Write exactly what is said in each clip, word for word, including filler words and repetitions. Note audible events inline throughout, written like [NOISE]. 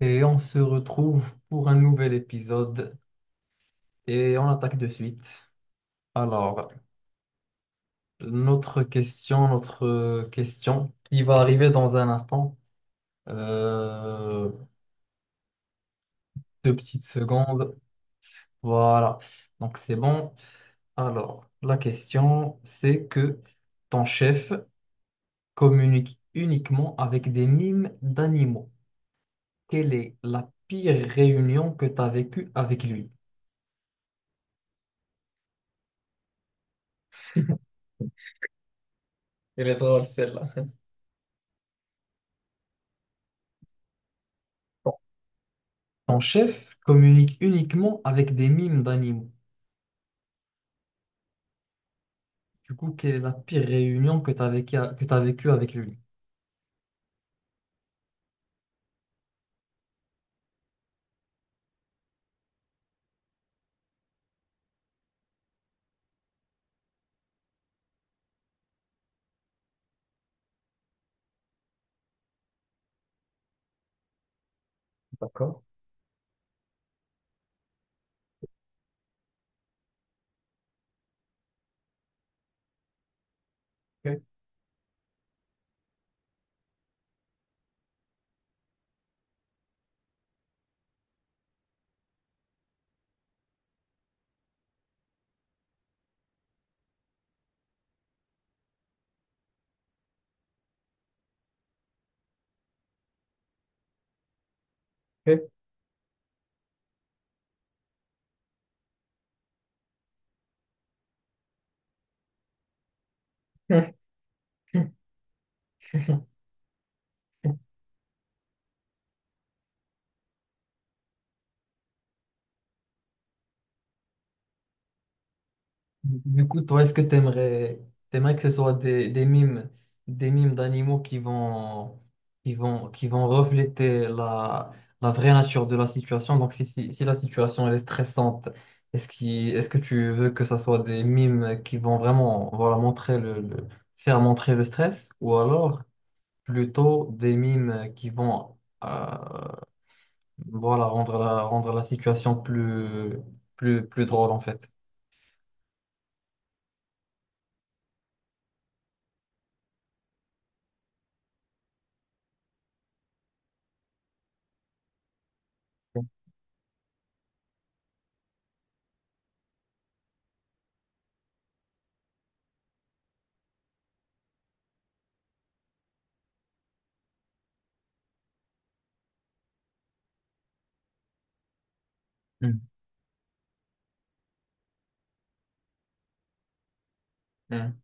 Et on se retrouve pour un nouvel épisode et on attaque de suite. Alors, notre question, notre euh, question qui va arriver dans un instant. Euh, deux petites secondes. Voilà. Donc, c'est bon. Alors, la question, c'est que ton chef communique uniquement avec des mimes d'animaux. Quelle est la pire réunion que tu as vécue avec lui? Elle est drôle, celle-là. Ton chef communique uniquement avec des mimes d'animaux. Du coup, quelle est la pire réunion que tu as vécue que tu vécue avec lui? D'accord. Ok, ok. [LAUGHS] Du coup, toi, est-ce que tu aimerais, que ce soit des, des mimes, des mimes d'animaux qui vont, qui vont, qui vont refléter la, la vraie nature de la situation? Donc, si, si, si la situation elle est stressante, est-ce qui, est-ce que tu veux que ce soit des mimes qui vont vraiment, voilà, montrer le, le- faire montrer le stress? Ou alors, plutôt des mimes qui vont euh, voilà, rendre la, rendre la situation plus, plus, plus drôle en fait. Mm. Mm.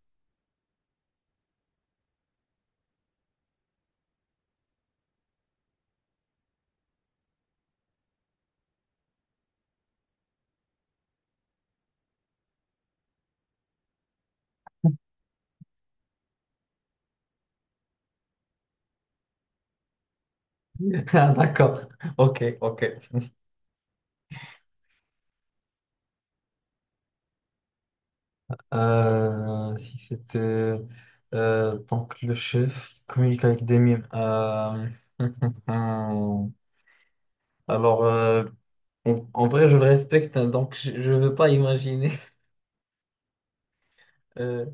[LAUGHS] Ah, d'accord, ok, ok. Euh, si c'était euh, donc le chef communique avec des mimes. Euh, [LAUGHS] Alors, euh, en, en vrai, je le respecte, hein, donc je ne veux pas imaginer. [LAUGHS] Euh,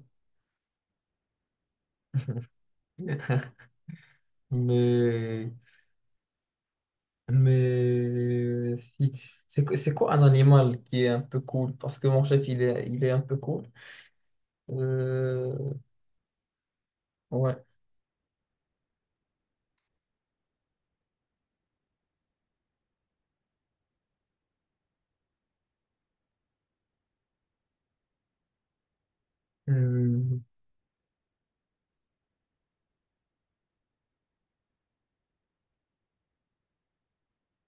Mais Mais si, c'est quoi c'est quoi un animal qui est un peu cool? Parce que mon chef, il est, il est un peu cool. Euh, ouais. Hmm.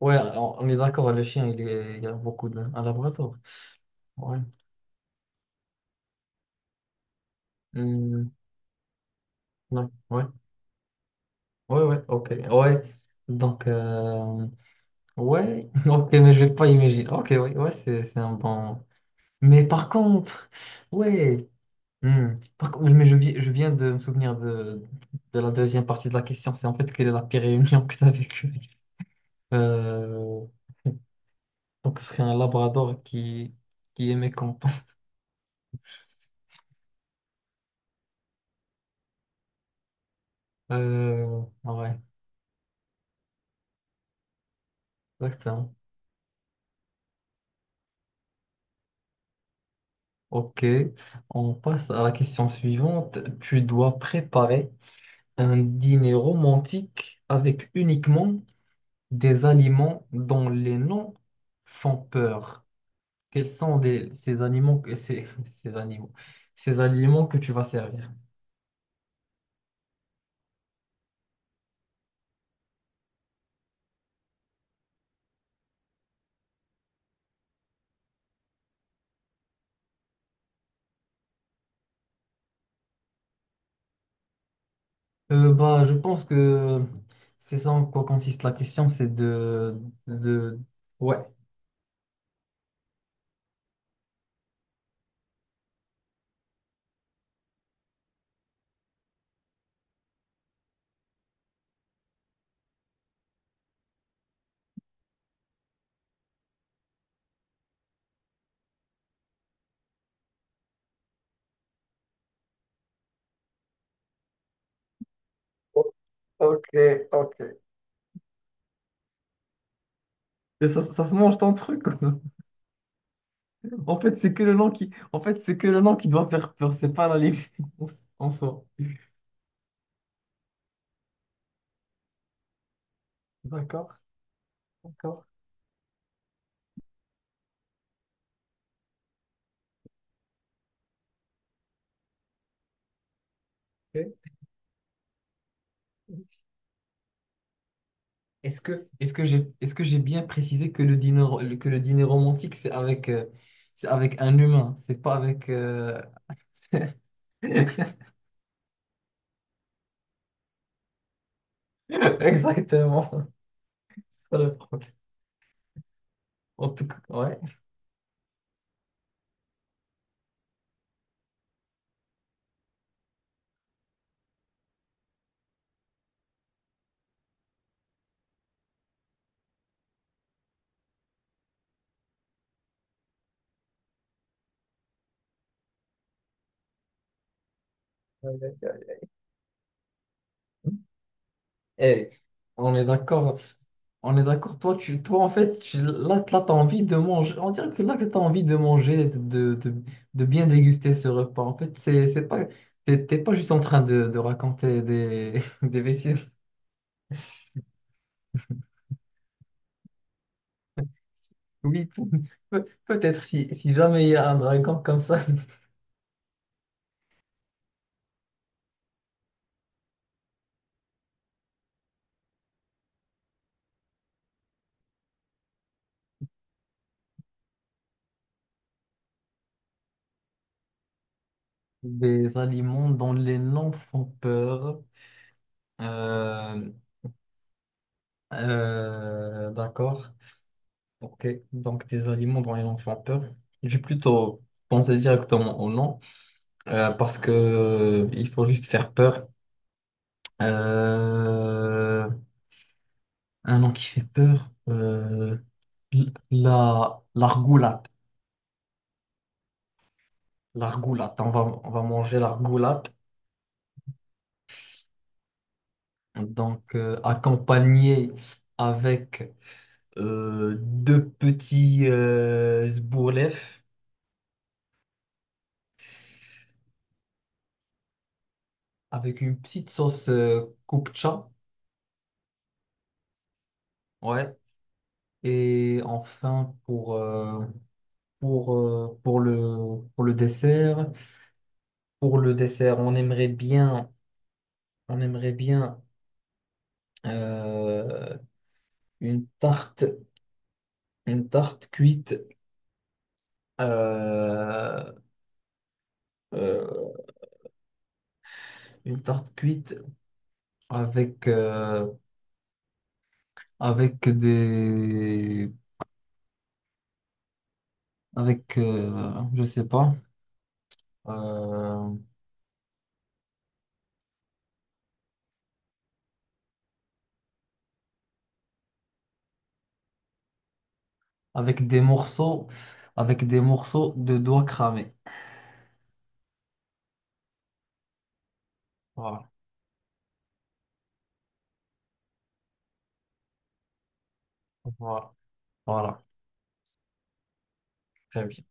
Ouais, on, on est d'accord, le chien, il est, il y a beaucoup de... Un labrador. Ouais. Hmm. Non. Ouais. Ouais, ouais, ok. Ouais. Donc, euh, ouais. [LAUGHS] Ok, mais je vais pas imaginer. Ok, ouais, ouais, c'est, c'est un bon... Mais par contre, ouais. Hmm. Par contre, mais je, vi- je viens de me souvenir de, de la deuxième partie de la question. C'est en fait quelle est la pire réunion [LAUGHS] que tu as vécue? Euh, donc, ce serait un labrador qui, qui est mécontent. [LAUGHS] Euh, ouais, exactement. Ok, on passe à la question suivante. Tu dois préparer un dîner romantique avec uniquement des aliments dont les noms font peur. Quels sont des- ces animaux que ces, [LAUGHS] ces animaux, ces aliments que tu vas servir? Euh, bah, je pense que c'est ça en quoi consiste la question, c'est de, de, ouais. Ok, ok. Et ça, ça se mange ton truc. Quoi. [LAUGHS] En fait, c'est que le nom qui, en fait, c'est que le nom qui doit faire peur, c'est pas l'aliment [LAUGHS] en soi. D'accord, d'accord. Ok. Est-ce que, est-ce que j'ai, est-ce que j'ai bien précisé que le dîner, le- que le dîner romantique, c'est avec, euh, c'est avec un humain, c'est pas avec... euh, [LAUGHS] Exactement, c'est ça le problème. En tout cas, ouais. Ouais, ouais, ouais. Eh, on est d'accord, on est d'accord. Toi, tu, toi, en fait, tu- là, là, t'as envie de manger. On dirait que là, que t'as envie de manger, de, de, de bien déguster ce repas. En fait, c'est, c'est pas, t'es t'es pas juste en train de, de raconter des, [LAUGHS] des bêtises. Oui, [LAUGHS] peut- peut-être si, si jamais il y a un dragon comme ça. Des aliments dont les noms font peur. Euh, euh, d'accord. Ok. Donc des aliments dont les noms font peur. J'ai plutôt pensé directement au nom euh, parce que euh, il faut juste faire peur. Euh, un nom qui fait peur. Euh, l- la l'argoulate. L'argoulate. On va on va manger l'argoulate. Donc, euh, accompagné avec euh, deux petits euh, zbourlef, avec une petite sauce euh, kupcha. Ouais. Et enfin, pour, euh, pour, euh, pour le, pour le dessert, pour le dessert, on aimerait bien, on aimerait bien euh, une tarte, une tarte cuite, euh, euh, une tarte cuite avec, euh, avec des avec euh, je sais pas euh, avec des morceaux avec des morceaux de doigts cramés. Voilà, voilà, voilà. Très bien.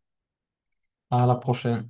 À la prochaine.